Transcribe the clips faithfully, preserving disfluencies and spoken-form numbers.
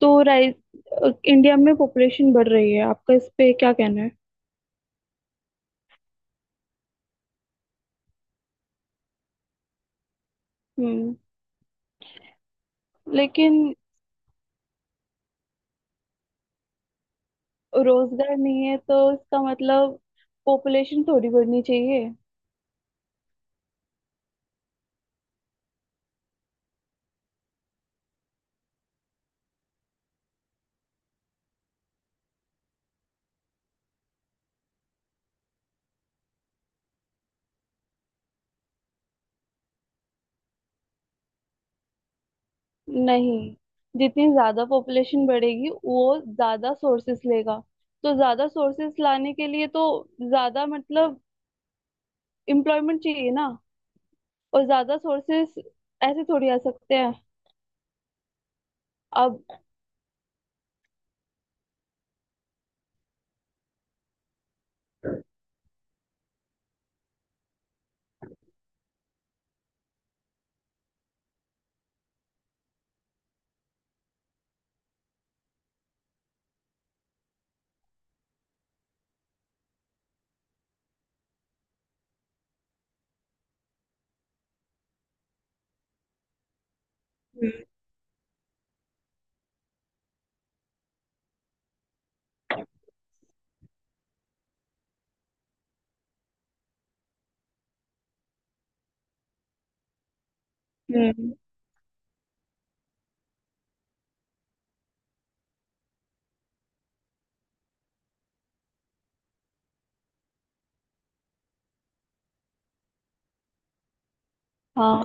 तो rice India में population बढ़ रही है, आपका इस पे क्या कहना है? हम्म। लेकिन रोजगार नहीं है तो इसका मतलब पॉपुलेशन थोड़ी बढ़नी चाहिए। नहीं, जितनी ज्यादा पॉपुलेशन बढ़ेगी वो ज्यादा सोर्सेस लेगा। तो ज्यादा सोर्सेस लाने के लिए तो ज्यादा मतलब एम्प्लॉयमेंट चाहिए ना। और ज्यादा सोर्सेस ऐसे थोड़ी आ सकते हैं। अब। हम्म हम्म, हाँ।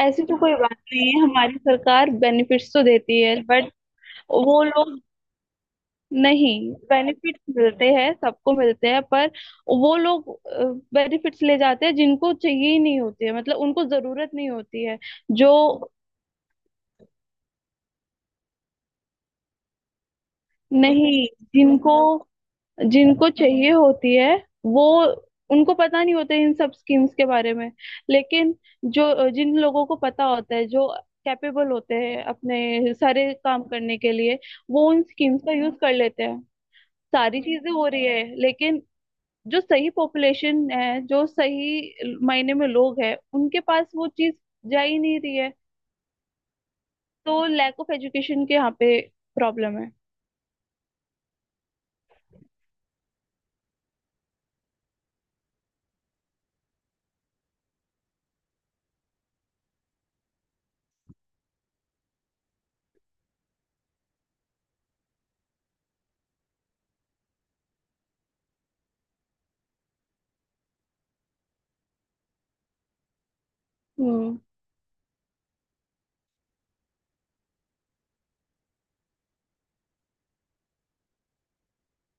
ऐसी तो कोई बात नहीं है, हमारी सरकार बेनिफिट्स तो देती है बट वो लोग। नहीं, बेनिफिट्स मिलते हैं, सबको मिलते हैं, पर वो लोग बेनिफिट्स ले जाते हैं जिनको चाहिए ही नहीं होती है, मतलब उनको जरूरत नहीं होती है। जो नहीं, जिनको जिनको चाहिए होती है वो, उनको पता नहीं होता है इन सब स्कीम्स के बारे में। लेकिन जो जिन लोगों को पता होता है, जो कैपेबल होते हैं अपने सारे काम करने के लिए, वो उन स्कीम्स का यूज कर लेते हैं। सारी चीजें हो रही है, लेकिन जो सही पॉपुलेशन है, जो सही मायने में लोग हैं, उनके पास वो चीज जा ही नहीं रही है। तो लैक ऑफ एजुकेशन के, यहाँ पे प्रॉब्लम है। हम्म।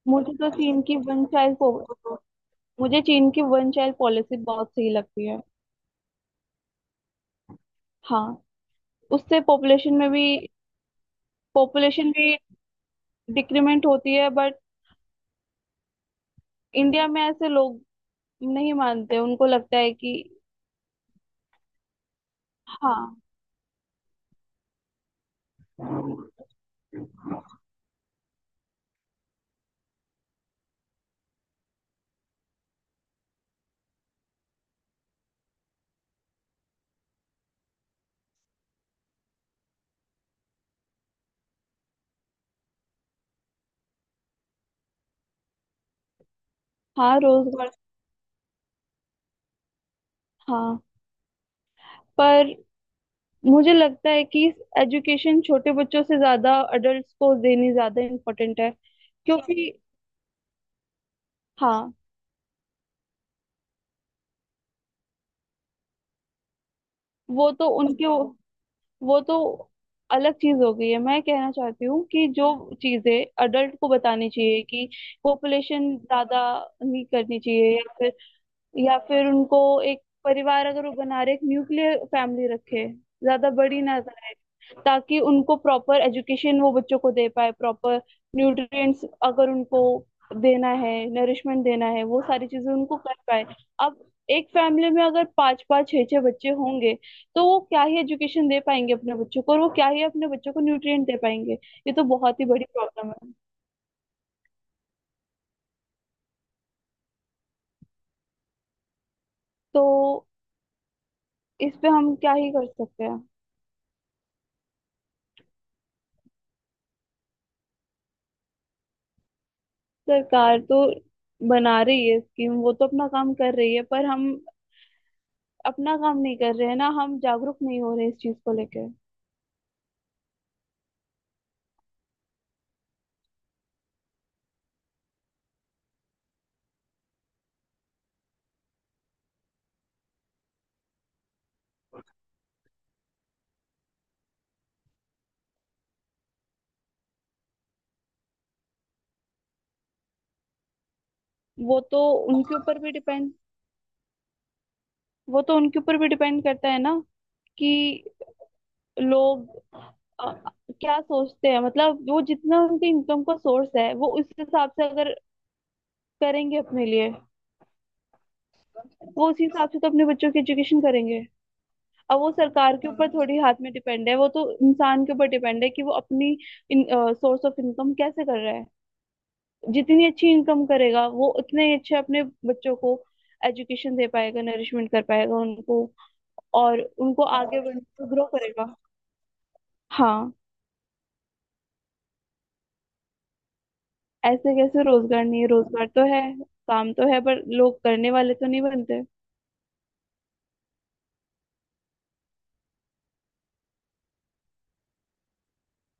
मुझे तो चीन की वन चाइल्ड, मुझे चीन की वन चाइल्ड पॉलिसी बहुत सही लगती है। हाँ। उससे पॉपुलेशन में भी, पॉपुलेशन भी डिक्रीमेंट होती है, बट इंडिया में ऐसे लोग नहीं मानते, उनको लगता है कि। हाँ। हाँ रोजगार। हाँ, पर मुझे लगता है कि एजुकेशन छोटे बच्चों से ज्यादा अडल्ट्स को देनी ज्यादा इम्पोर्टेंट है। क्योंकि, हाँ। वो तो उनके, वो तो अलग चीज हो गई है। मैं कहना चाहती हूँ कि जो चीजें अडल्ट को बतानी चाहिए कि पॉपुलेशन ज्यादा नहीं करनी चाहिए, या फिर या फिर उनको, एक परिवार अगर वो बना रहे एक न्यूक्लियर फैमिली रखे, ज्यादा बड़ी ना, ताकि उनको प्रॉपर एजुकेशन वो बच्चों को दे पाए, प्रॉपर न्यूट्रिएंट्स अगर उनको देना है, नरिशमेंट देना है, वो सारी चीजें उनको कर पाए। अब, एक फैमिली में अगर पांच पांच छह छह बच्चे होंगे, तो वो क्या ही एजुकेशन दे पाएंगे अपने बच्चों को, और वो क्या ही अपने बच्चों को न्यूट्रिएंट दे पाएंगे। ये तो बहुत ही बड़ी प्रॉब्लम है। तो इस पे हम क्या ही कर सकते हैं। सरकार तो बना रही है स्कीम, वो तो अपना काम कर रही है, पर हम अपना काम नहीं कर रहे हैं ना, हम जागरूक नहीं हो रहे इस चीज को लेके। वो तो उनके ऊपर भी डिपेंड, वो तो उनके ऊपर भी डिपेंड करता है ना, कि लोग अ, क्या सोचते हैं, मतलब वो जितना उनके इनकम का सोर्स है, वो उस हिसाब से अगर करेंगे अपने लिए, वो उसी हिसाब से तो अपने बच्चों की एजुकेशन करेंगे। अब वो सरकार के ऊपर थोड़ी हाथ में डिपेंड है, वो तो इंसान के ऊपर डिपेंड है कि वो अपनी सोर्स ऑफ इनकम कैसे कर रहा है। जितनी अच्छी इनकम करेगा, वो उतने ही अच्छे अपने बच्चों को एजुकेशन दे पाएगा, नरिशमेंट कर पाएगा उनको, और उनको आगे बढ़। हाँ। ऐसे कैसे रोजगार नहीं है? रोजगार तो है, काम तो है, पर लोग करने वाले तो नहीं बनते।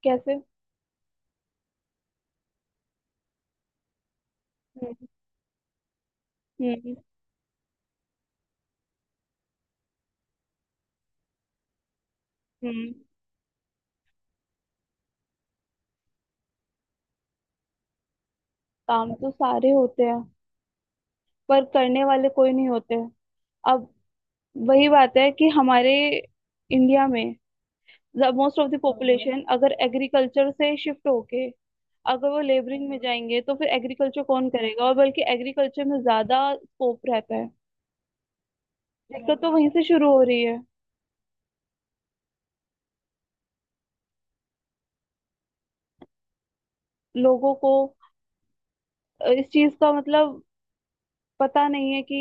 कैसे? हम्म हम्म हम्म काम तो सारे होते हैं, पर करने वाले कोई नहीं होते। अब वही बात है कि हमारे इंडिया में मोस्ट ऑफ द पॉपुलेशन अगर एग्रीकल्चर से शिफ्ट होके, अगर वो लेबरिंग में जाएंगे, तो फिर एग्रीकल्चर कौन करेगा, और बल्कि एग्रीकल्चर में ज्यादा स्कोप रहता है। दिक्कत तो वहीं से शुरू हो रही है। लोगों को अ, इस चीज का मतलब पता नहीं है कि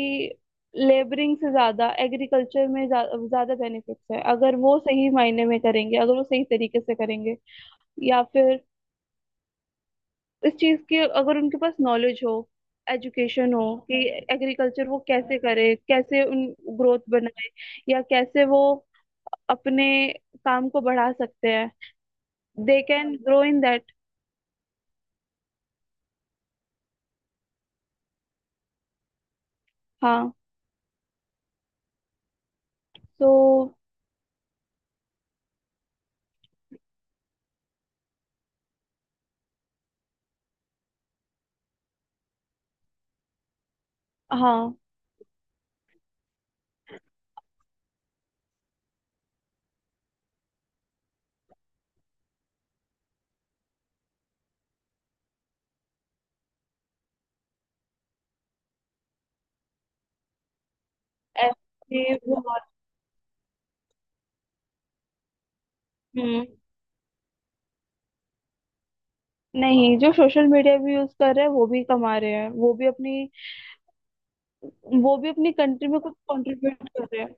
लेबरिंग से ज्यादा एग्रीकल्चर में ज्या- ज्यादा बेनिफिट्स है, अगर वो सही मायने में करेंगे, अगर वो सही तरीके से करेंगे, या फिर इस चीज की अगर उनके पास नॉलेज हो, एजुकेशन हो, कि एग्रीकल्चर वो कैसे करे, कैसे उन ग्रोथ बनाए, या कैसे वो अपने काम को बढ़ा सकते हैं। They can grow in that. हाँ, सो। हाँ, ऐसे बहुत। हम्म। नहीं, जो सोशल मीडिया भी यूज कर रहे हैं, वो भी कमा रहे हैं, वो भी अपनी वो भी अपनी कंट्री में कुछ कंट्रीब्यूट कर रहे हैं।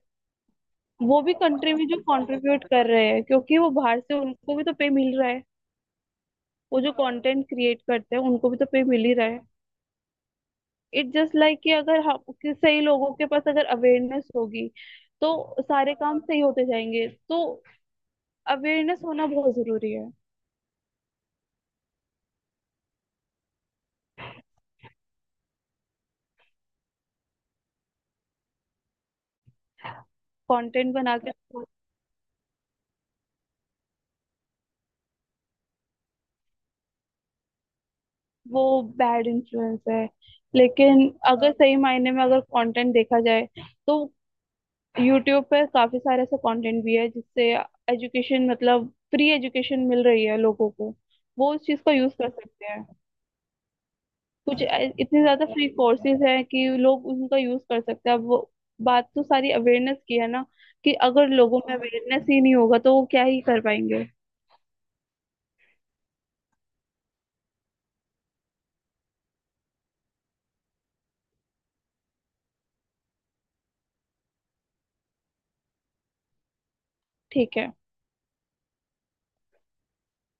वो भी कंट्री में जो कंट्रीब्यूट कर रहे हैं, क्योंकि वो बाहर से उनको भी तो पे मिल रहा है। वो जो कंटेंट क्रिएट करते हैं, उनको भी तो पे मिल ही रहा है। इट जस्ट लाइक कि, अगर हम कि सही लोगों के पास अगर अवेयरनेस होगी, तो सारे काम सही होते जाएंगे। तो अवेयरनेस होना बहुत जरूरी है। कंटेंट बना के। वो बैड इन्फ्लुएंस है, लेकिन अगर सही मायने में अगर कंटेंट देखा जाए, तो यूट्यूब पे काफी सारे ऐसा कंटेंट भी है जिससे एजुकेशन, मतलब फ्री एजुकेशन मिल रही है लोगों को। वो उस चीज का यूज कर सकते हैं। कुछ ए- इतने ज्यादा फ्री कोर्सेज हैं कि लोग उनका यूज कर सकते हैं। अब वो, बात तो सारी अवेयरनेस की है ना, कि अगर लोगों में अवेयरनेस ही नहीं होगा तो वो क्या ही कर पाएंगे। ठीक है।